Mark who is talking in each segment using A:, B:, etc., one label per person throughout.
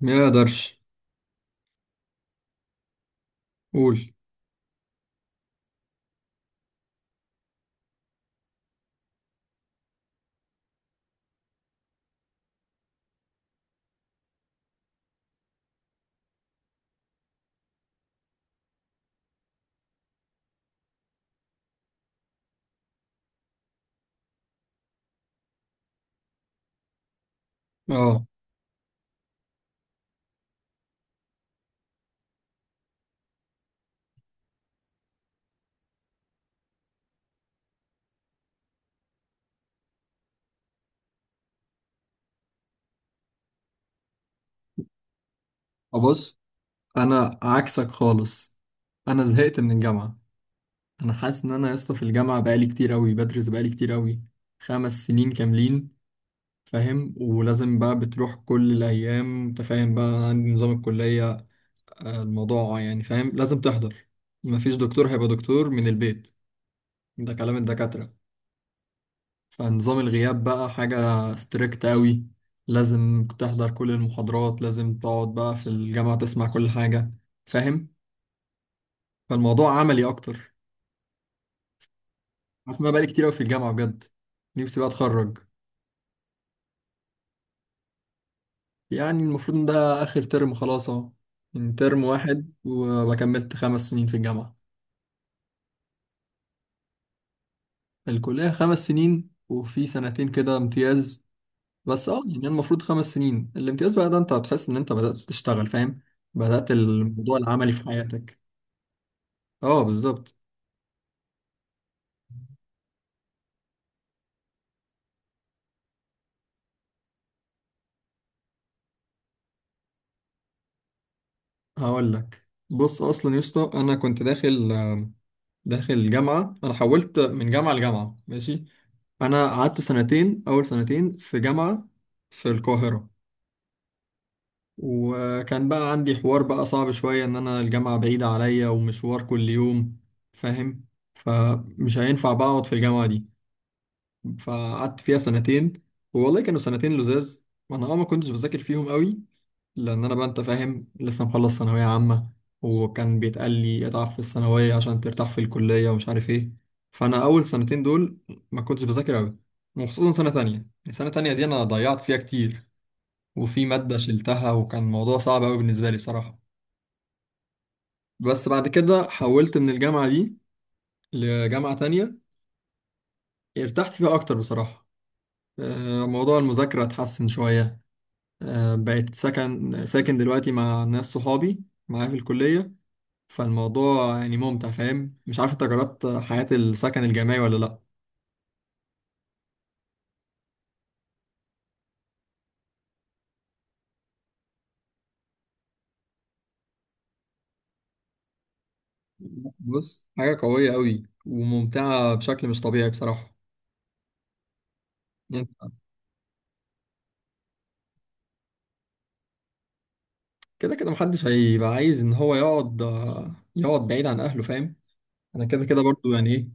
A: ما يقدرش. قول. اه، ابص، انا عكسك خالص. انا زهقت من الجامعه. انا حاسس ان انا يا اسطى في الجامعه بقالي كتير قوي بدرس بقالي كتير قوي. 5 سنين كاملين، فاهم؟ ولازم بقى بتروح كل الايام، انت فاهم بقى عندي نظام الكليه. الموضوع يعني فاهم لازم تحضر. مفيش دكتور هيبقى دكتور من البيت، ده كلام الدكاتره. فنظام الغياب بقى حاجة ستريكت قوي، لازم تحضر كل المحاضرات، لازم تقعد بقى في الجامعة تسمع كل حاجة، فاهم؟ فالموضوع عملي أكتر. عارف إن أنا بقالي كتير أوي في الجامعة بجد، نفسي بقى أتخرج. يعني المفروض إن ده آخر ترم، خلاص أهو، يعني ترم واحد وأبقى كملت 5 سنين في الجامعة. الكلية 5 سنين وفي سنتين كده امتياز. بس اه يعني المفروض 5 سنين الامتياز بقى ده انت هتحس ان انت بدأت تشتغل، فاهم؟ بدأت الموضوع العملي في حياتك. اه، بالظبط. هقول لك، بص اصلا يا اسطى انا كنت داخل جامعه، انا حولت من جامعه لجامعه، ماشي. انا قعدت سنتين، اول سنتين في جامعه في القاهره. وكان بقى عندي حوار بقى صعب شويه ان انا الجامعه بعيده عليا ومشوار كل يوم، فاهم؟ فمش هينفع بقى اقعد في الجامعه دي، فقعدت فيها سنتين. والله كانوا سنتين لزاز، وانا ما كنتش بذاكر فيهم قوي، لان انا بقى انت فاهم لسه مخلص ثانويه عامه، وكان بيتقال لي اتعب في الثانويه عشان ترتاح في الكليه ومش عارف ايه. فانا اول سنتين دول ما كنتش بذاكر قوي، وخصوصا سنه تانية السنه التانية دي انا ضيعت فيها كتير. وفي ماده شلتها، وكان الموضوع صعب قوي بالنسبه لي بصراحه. بس بعد كده حولت من الجامعه دي لجامعه تانية، ارتحت فيها اكتر بصراحه. موضوع المذاكره اتحسن شويه. بقيت ساكن دلوقتي مع ناس صحابي معايا في الكلية. فالموضوع يعني ممتع، فاهم؟ مش عارف انت جربت حياة السكن الجامعي ولا لأ؟ بص حاجة قوية قوي وممتعة بشكل مش طبيعي بصراحة. يعني كده كده محدش هيبقى عايز ان هو يقعد بعيد عن اهله، فاهم؟ انا كده كده برضو يعني ايه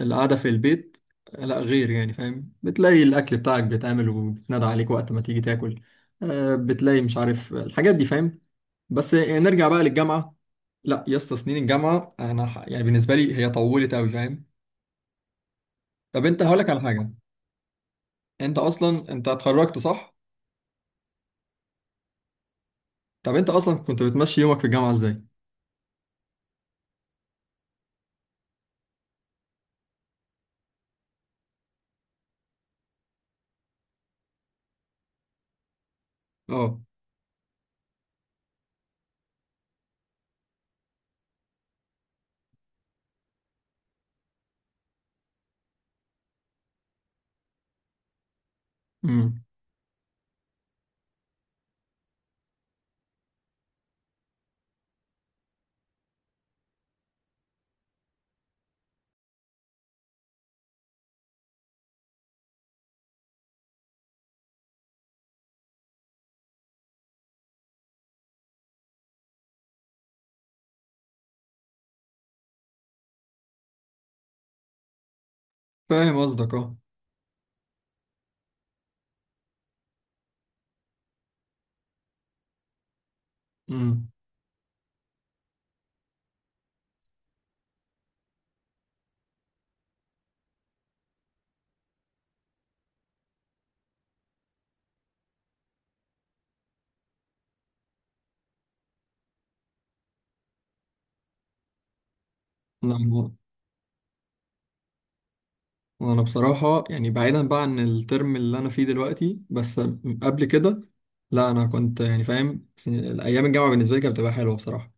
A: القعدة في البيت. لا غير يعني فاهم بتلاقي الاكل بتاعك بيتعمل وبيتنادى عليك وقت ما تيجي تاكل. بتلاقي مش عارف الحاجات دي، فاهم؟ بس نرجع بقى للجامعه. لا يا اسطى سنين الجامعه يعني بالنسبه لي هي طولت قوي، فاهم؟ طب انت هقول لك على حاجه، انت اصلا انت اتخرجت، صح؟ طب انت اصلا كنت بتمشي يومك في الجامعه ازاي؟ اه. امم. فاهم قصدك. اه. امم. لا، أنا بصراحه يعني بعيدا بقى عن الترم اللي انا فيه دلوقتي، بس قبل كده، لا انا كنت يعني فاهم ايام الجامعه بالنسبه لي كانت بتبقى حلوه بصراحه.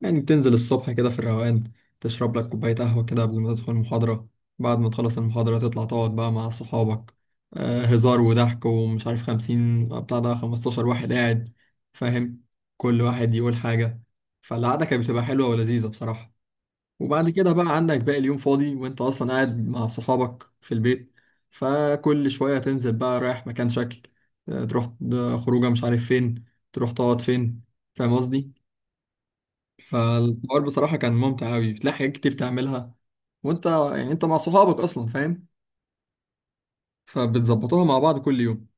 A: يعني بتنزل الصبح كده في الروقان، تشرب لك كوباية قهوة كده قبل ما تدخل المحاضرة، بعد ما تخلص المحاضرة تطلع تقعد بقى مع صحابك. هزار وضحك ومش عارف 50 بتاع ده 15 واحد قاعد، فاهم؟ كل واحد يقول حاجة، فالقعدة كانت بتبقى حلوة ولذيذة بصراحة. وبعد كده بقى عندك باقي اليوم فاضي وانت اصلا قاعد مع صحابك في البيت، فكل شوية تنزل بقى رايح مكان شكل. تروح خروجة مش عارف فين، تروح تقعد فين، فاهم قصدي؟ فالحوار بصراحة كان ممتع أوي، بتلاقي حاجات كتير تعملها، وأنت يعني أنت مع صحابك أصلا، فاهم؟ فبتظبطوها مع بعض كل يوم،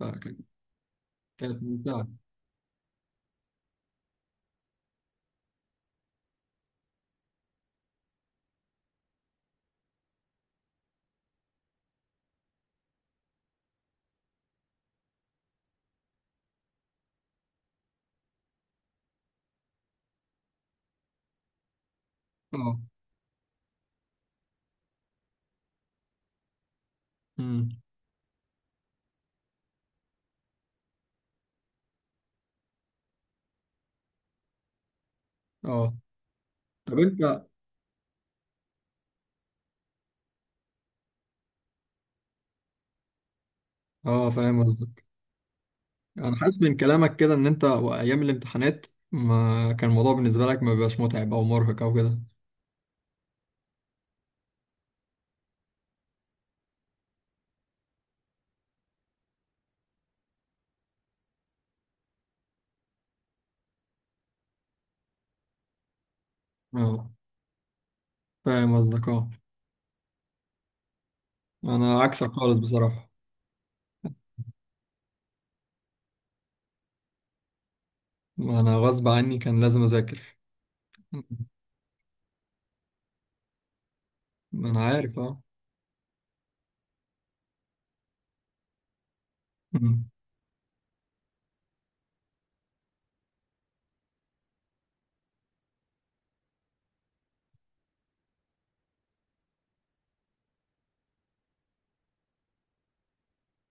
A: فكانت ممتعة. أه. أمم. أه. طب أنت. أه، فاهم قصدك. أنا حاسس من كلامك كده إن أنت وأيام الامتحانات ما كان الموضوع بالنسبة لك ما بيبقاش متعب أو مرهق أو كده. أه، فاهم قصدك. أه، أنا عكسك خالص بصراحة. أنا غصب عني كان لازم أذاكر. أمم. أنا عارف. أه،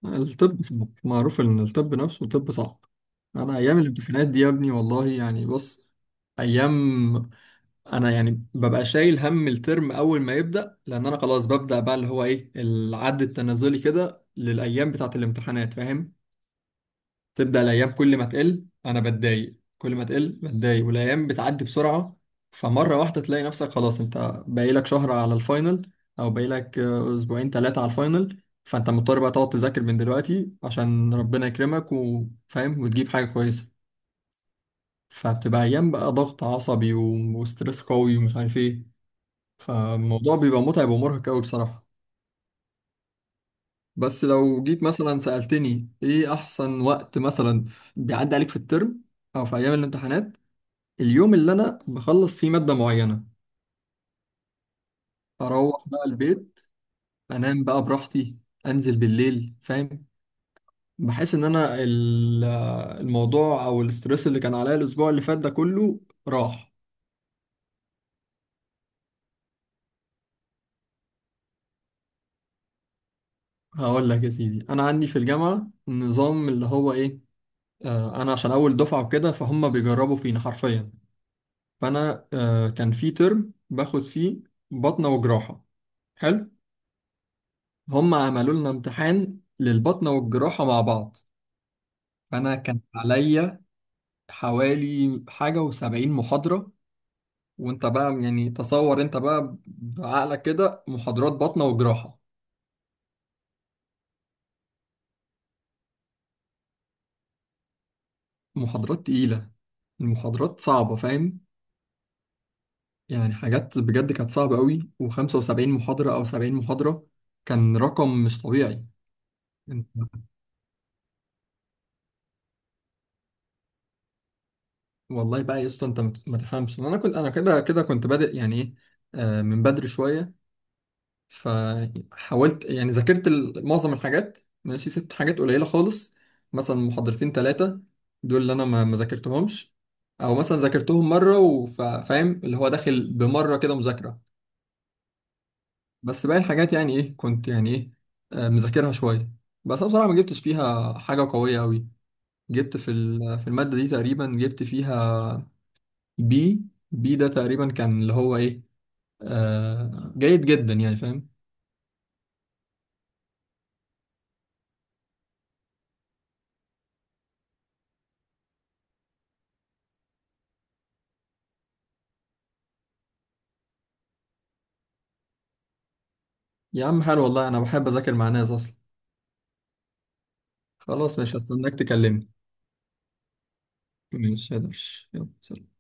A: الطب صعب معروف ان الطب نفسه طب صعب. انا ايام الامتحانات دي يا ابني والله يعني بص، ايام، انا يعني ببقى شايل هم الترم اول ما يبدا، لان انا خلاص ببدا بقى اللي هو ايه العد التنازلي كده للايام بتاعه الامتحانات، فاهم؟ تبدأ الأيام كل ما تقل أنا بتضايق، كل ما تقل بتضايق والأيام بتعدي بسرعة. فمرة واحدة تلاقي نفسك خلاص أنت باقيلك شهر على الفاينل أو باقيلك أسبوعين تلاتة على الفاينل، فأنت مضطر بقى تقعد تذاكر من دلوقتي عشان ربنا يكرمك وفاهم وتجيب حاجة كويسة. فبتبقى أيام بقى ضغط عصبي و- وستريس قوي ومش عارف إيه. فالموضوع بيبقى متعب ومرهق قوي بصراحة. بس لو جيت مثلا سألتني إيه أحسن وقت مثلا بيعدي عليك في الترم أو في أيام الامتحانات، اليوم اللي انا بخلص فيه مادة معينة، اروح بقى البيت، انام بقى براحتي، انزل بالليل، فاهم؟ بحس ان انا الموضوع او الاسترس اللي كان عليا الاسبوع اللي فات ده كله راح. هقول لك يا سيدي انا عندي في الجامعة نظام اللي هو ايه، انا عشان اول دفعة وكده فهم بيجربوا فينا حرفيا. فانا كان في ترم باخد فيه بطنة وجراحة. حلو. هم عملوا لنا امتحان للبطنة والجراحة مع بعض. فانا كان عليا حوالي 71 محاضرة. وانت بقى يعني تصور انت بقى بعقلك كده محاضرات باطنة وجراحة، محاضرات تقيلة، المحاضرات صعبة، فاهم؟ يعني حاجات بجد كانت صعبة قوي، وخمسة وسبعين محاضرة أو 70 محاضرة كان رقم مش طبيعي. انت والله بقى يا اسطى ما تفهمش، انا كده كده كنت بادئ يعني ايه، من بدري شوية. فحاولت يعني ذاكرت معظم الحاجات، ماشي سبت حاجات قليلة خالص، مثلا محاضرتين ثلاثة دول اللي أنا ما ذاكرتهمش، أو مثلا ذاكرتهم مرة وفاهم اللي هو داخل بمرة كده مذاكرة. بس باقي الحاجات يعني إيه كنت يعني إيه مذاكرها شوية. بس أنا بصراحة ما جبتش فيها حاجة قوية أوي، جبت في المادة دي تقريبا جبت فيها بي بي ده تقريبا كان اللي هو إيه جيد جدا يعني فاهم. يا عم حلو والله أنا بحب أذاكر مع ناس أصلا. خلاص مش هستناك تكلمني. مش هقدرش يلا سلام.